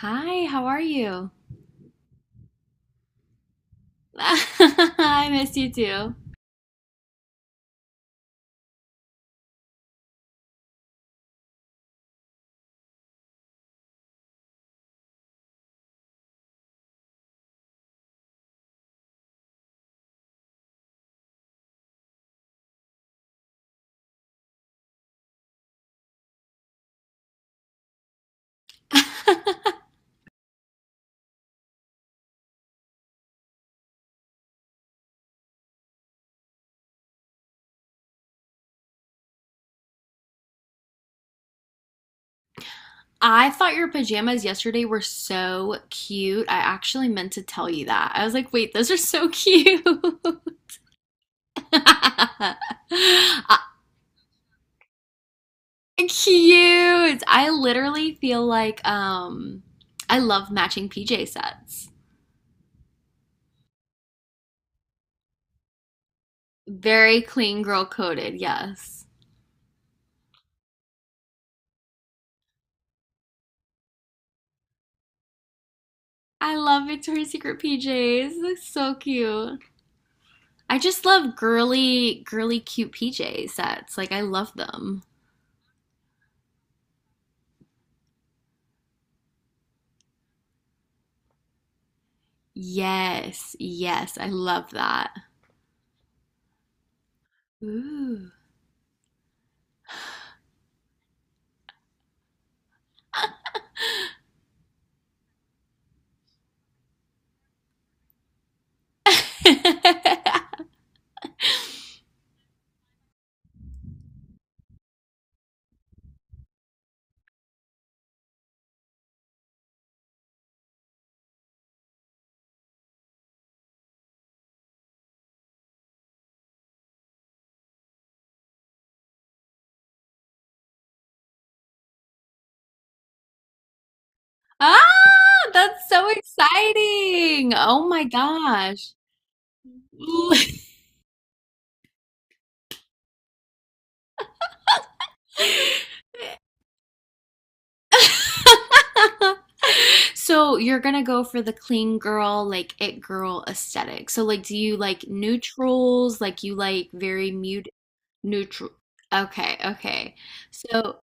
Hi, how are you? I miss you too. I thought your pajamas yesterday were so cute. I actually meant to tell you that. I was like, wait, those are so cute. Uh, cute. I literally feel like I love matching PJ sets. Very clean girl coded, yes. I love Victoria's Secret PJs. They're so cute. I just love girly, girly, cute PJ sets. Like, I love them. Yes, yes, I love that. Ooh. Ah, that's so exciting. Oh my gosh. Ooh. So you're gonna go for the clean girl, like it girl aesthetic. So like, do you like neutrals? Like you like very mute neutral? Okay, okay. So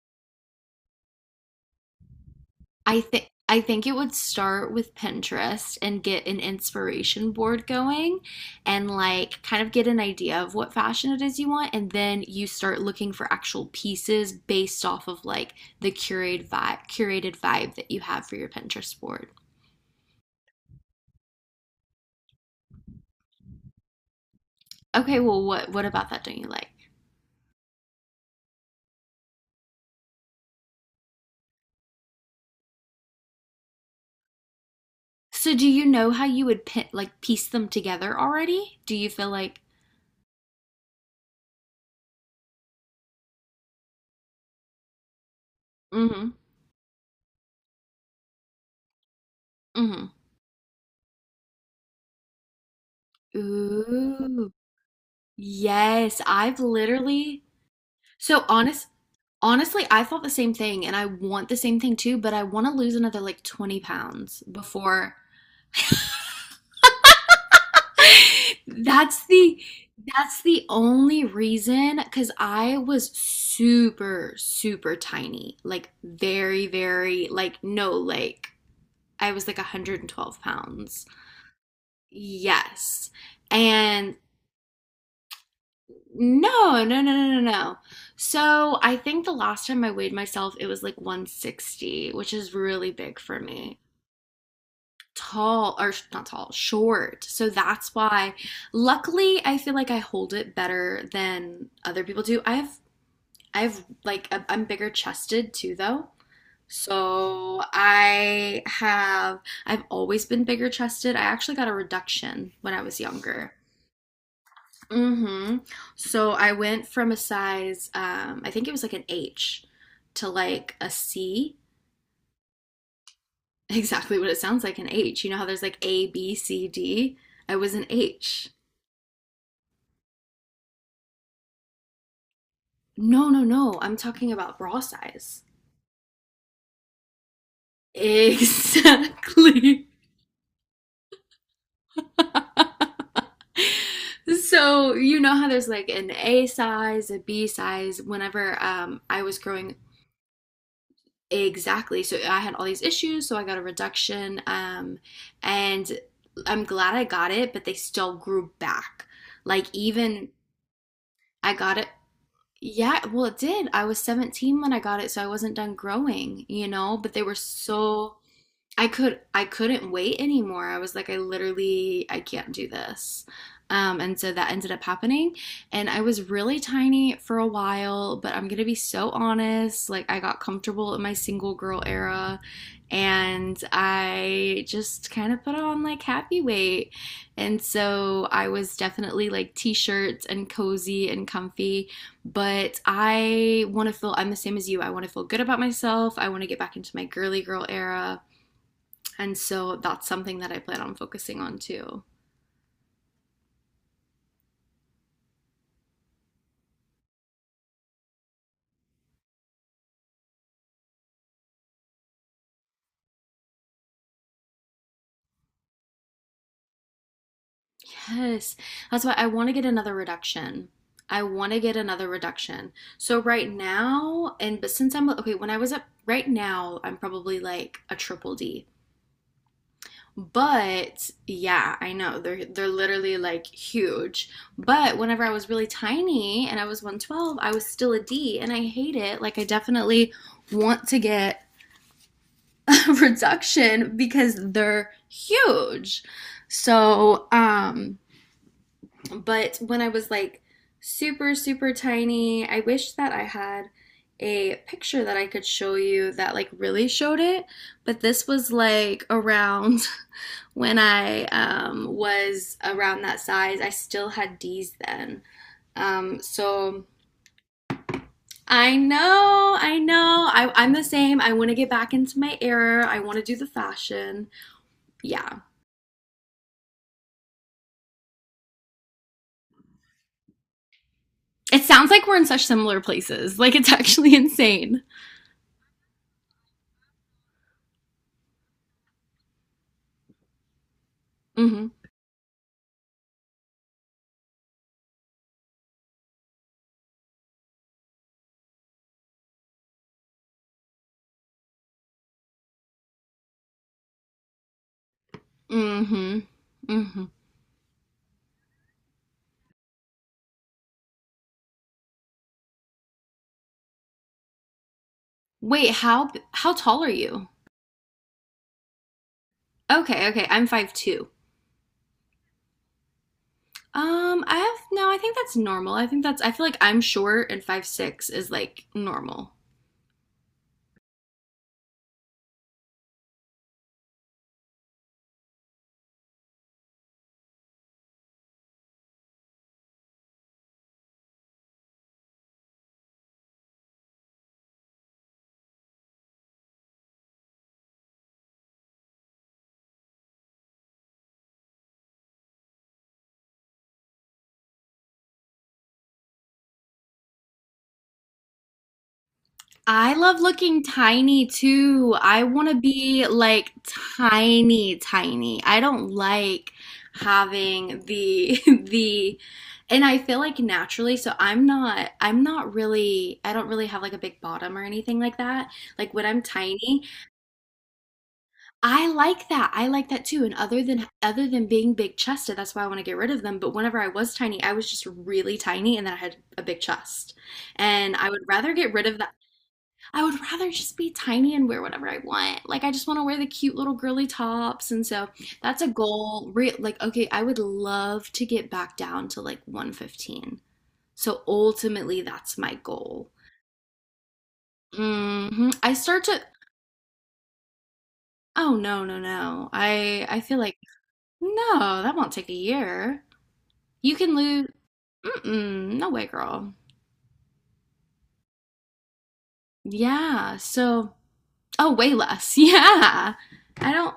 I think it would start with Pinterest and get an inspiration board going, and like kind of get an idea of what fashion it is you want, and then you start looking for actual pieces based off of like the curated vibe that you have for your Pinterest board. Okay, well what about that don't you like? So do you know how you would pin, like piece them together already? Do you feel like. Mm-hmm, mm-hmm. Ooh. Yes, I've literally, so honest honestly, I thought the same thing, and I want the same thing too, but I want to lose another like 20 pounds before. That's the that's the only reason, because I was super, super tiny. Like very, very, like no, like I was like 112 pounds. Yes. And no, no, no, no, no, no. So I think the last time I weighed myself, it was like 160, which is really big for me. Tall or not tall, short. So that's why luckily I feel like I hold it better than other people do. I have like I am bigger chested too though. So I've always been bigger chested. I actually got a reduction when I was younger. Mm-hmm. So I went from a size, I think it was like an H to like a C. Exactly what it sounds like. An H. You know how there's like A, B, C, D? I was an H. No, no, no. I'm talking about bra size. Exactly. So you know how there's like an A size, a B size. Whenever I was growing, exactly. So I had all these issues. So I got a reduction, and I'm glad I got it. But they still grew back. Like, even I got it. Yeah, well, it did. I was 17 when I got it, so I wasn't done growing. But they were so I couldn't wait anymore. I was like, I literally, I can't do this. And so that ended up happening. And I was really tiny for a while, but I'm gonna be so honest. Like, I got comfortable in my single girl era, and I just kind of put on like happy weight. And so I was definitely like t shirts and cozy and comfy. But, I'm the same as you. I wanna feel good about myself. I wanna get back into my girly girl era. And so that's something that I plan on focusing on too. Yes. That's why I want to get another reduction. I want to get another reduction. So right now, and but since I'm okay, when I was up right now, I'm probably like a triple D. But yeah, I know they're literally like huge. But whenever I was really tiny and I was 112, I was still a D and I hate it. Like, I definitely want to get reduction because they're huge. So, but when I was like super, super tiny, I wish that I had a picture that I could show you that like really showed it. But this was like around when I was around that size. I still had D's then. So I know, I know. I'm the same. I want to get back into my era. I want to do the fashion. Yeah. It sounds like we're in such similar places. Like, it's actually insane. Mm-hmm. Mm-hmm. Mm-hmm. Wait, how tall are you? Okay, okay. I'm 5'2". I have no. I think that's normal. I think that's. I feel like I'm short, and 5'6" is like normal. I love looking tiny too. I want to be like tiny, tiny. I don't like having the the. And I feel like naturally, so I'm not really, I don't really have like a big bottom or anything like that. Like, when I'm tiny, I like that. I like that too. And other than being big chested, that's why I want to get rid of them. But whenever I was tiny, I was just really tiny and then I had a big chest. And I would rather get rid of that. I would rather just be tiny and wear whatever I want. Like, I just want to wear the cute little girly tops, and so that's a goal. Like, okay, I would love to get back down to like 115. So ultimately, that's my goal. Hmm. I start to. Oh, no, no, no. I feel like, no, that won't take a year. You can lose. Mm-mm, no way, girl. Yeah. So, oh, way less. Yeah. I don't.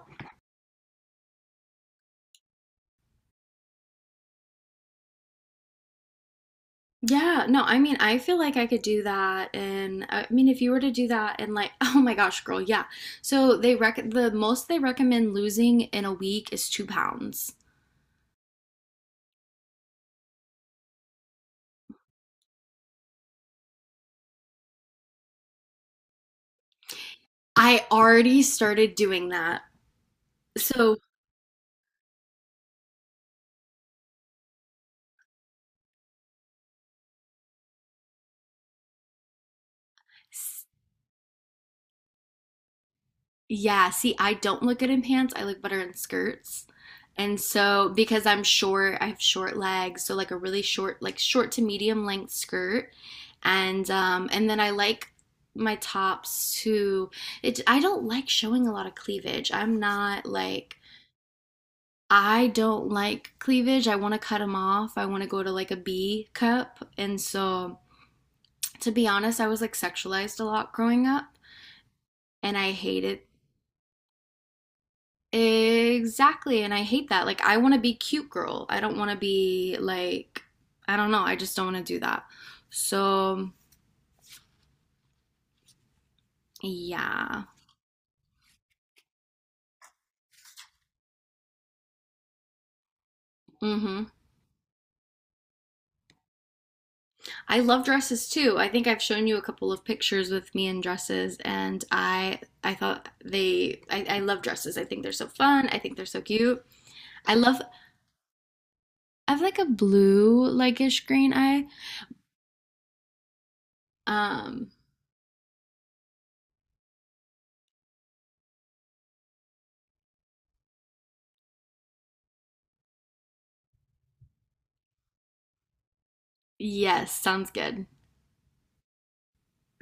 Yeah, no, I mean, I feel like I could do that, and I mean, if you were to do that, and like, oh my gosh, girl, yeah. So they rec the most they recommend losing in a week is 2 pounds. I already started doing that. So, yeah, see, I don't look good in pants. I look better in skirts. And so, because I'm short, I have short legs, so like a really short, like short to medium length skirt. And then I like my tops to, it, I don't like showing a lot of cleavage. I'm not like, I don't like cleavage. I want to cut them off. I want to go to like a B cup. And so, to be honest, I was like sexualized a lot growing up, and I hated. Exactly, and I hate that. Like, I want to be cute girl. I don't want to be like, I don't know. I just don't want to do that. So, yeah. Mm-hmm. I love dresses too. I think I've shown you a couple of pictures with me in dresses, and I thought they, I love dresses. I think they're so fun. I think they're so cute. I love. I have like a blue like-ish green eye. Um, yes, sounds good.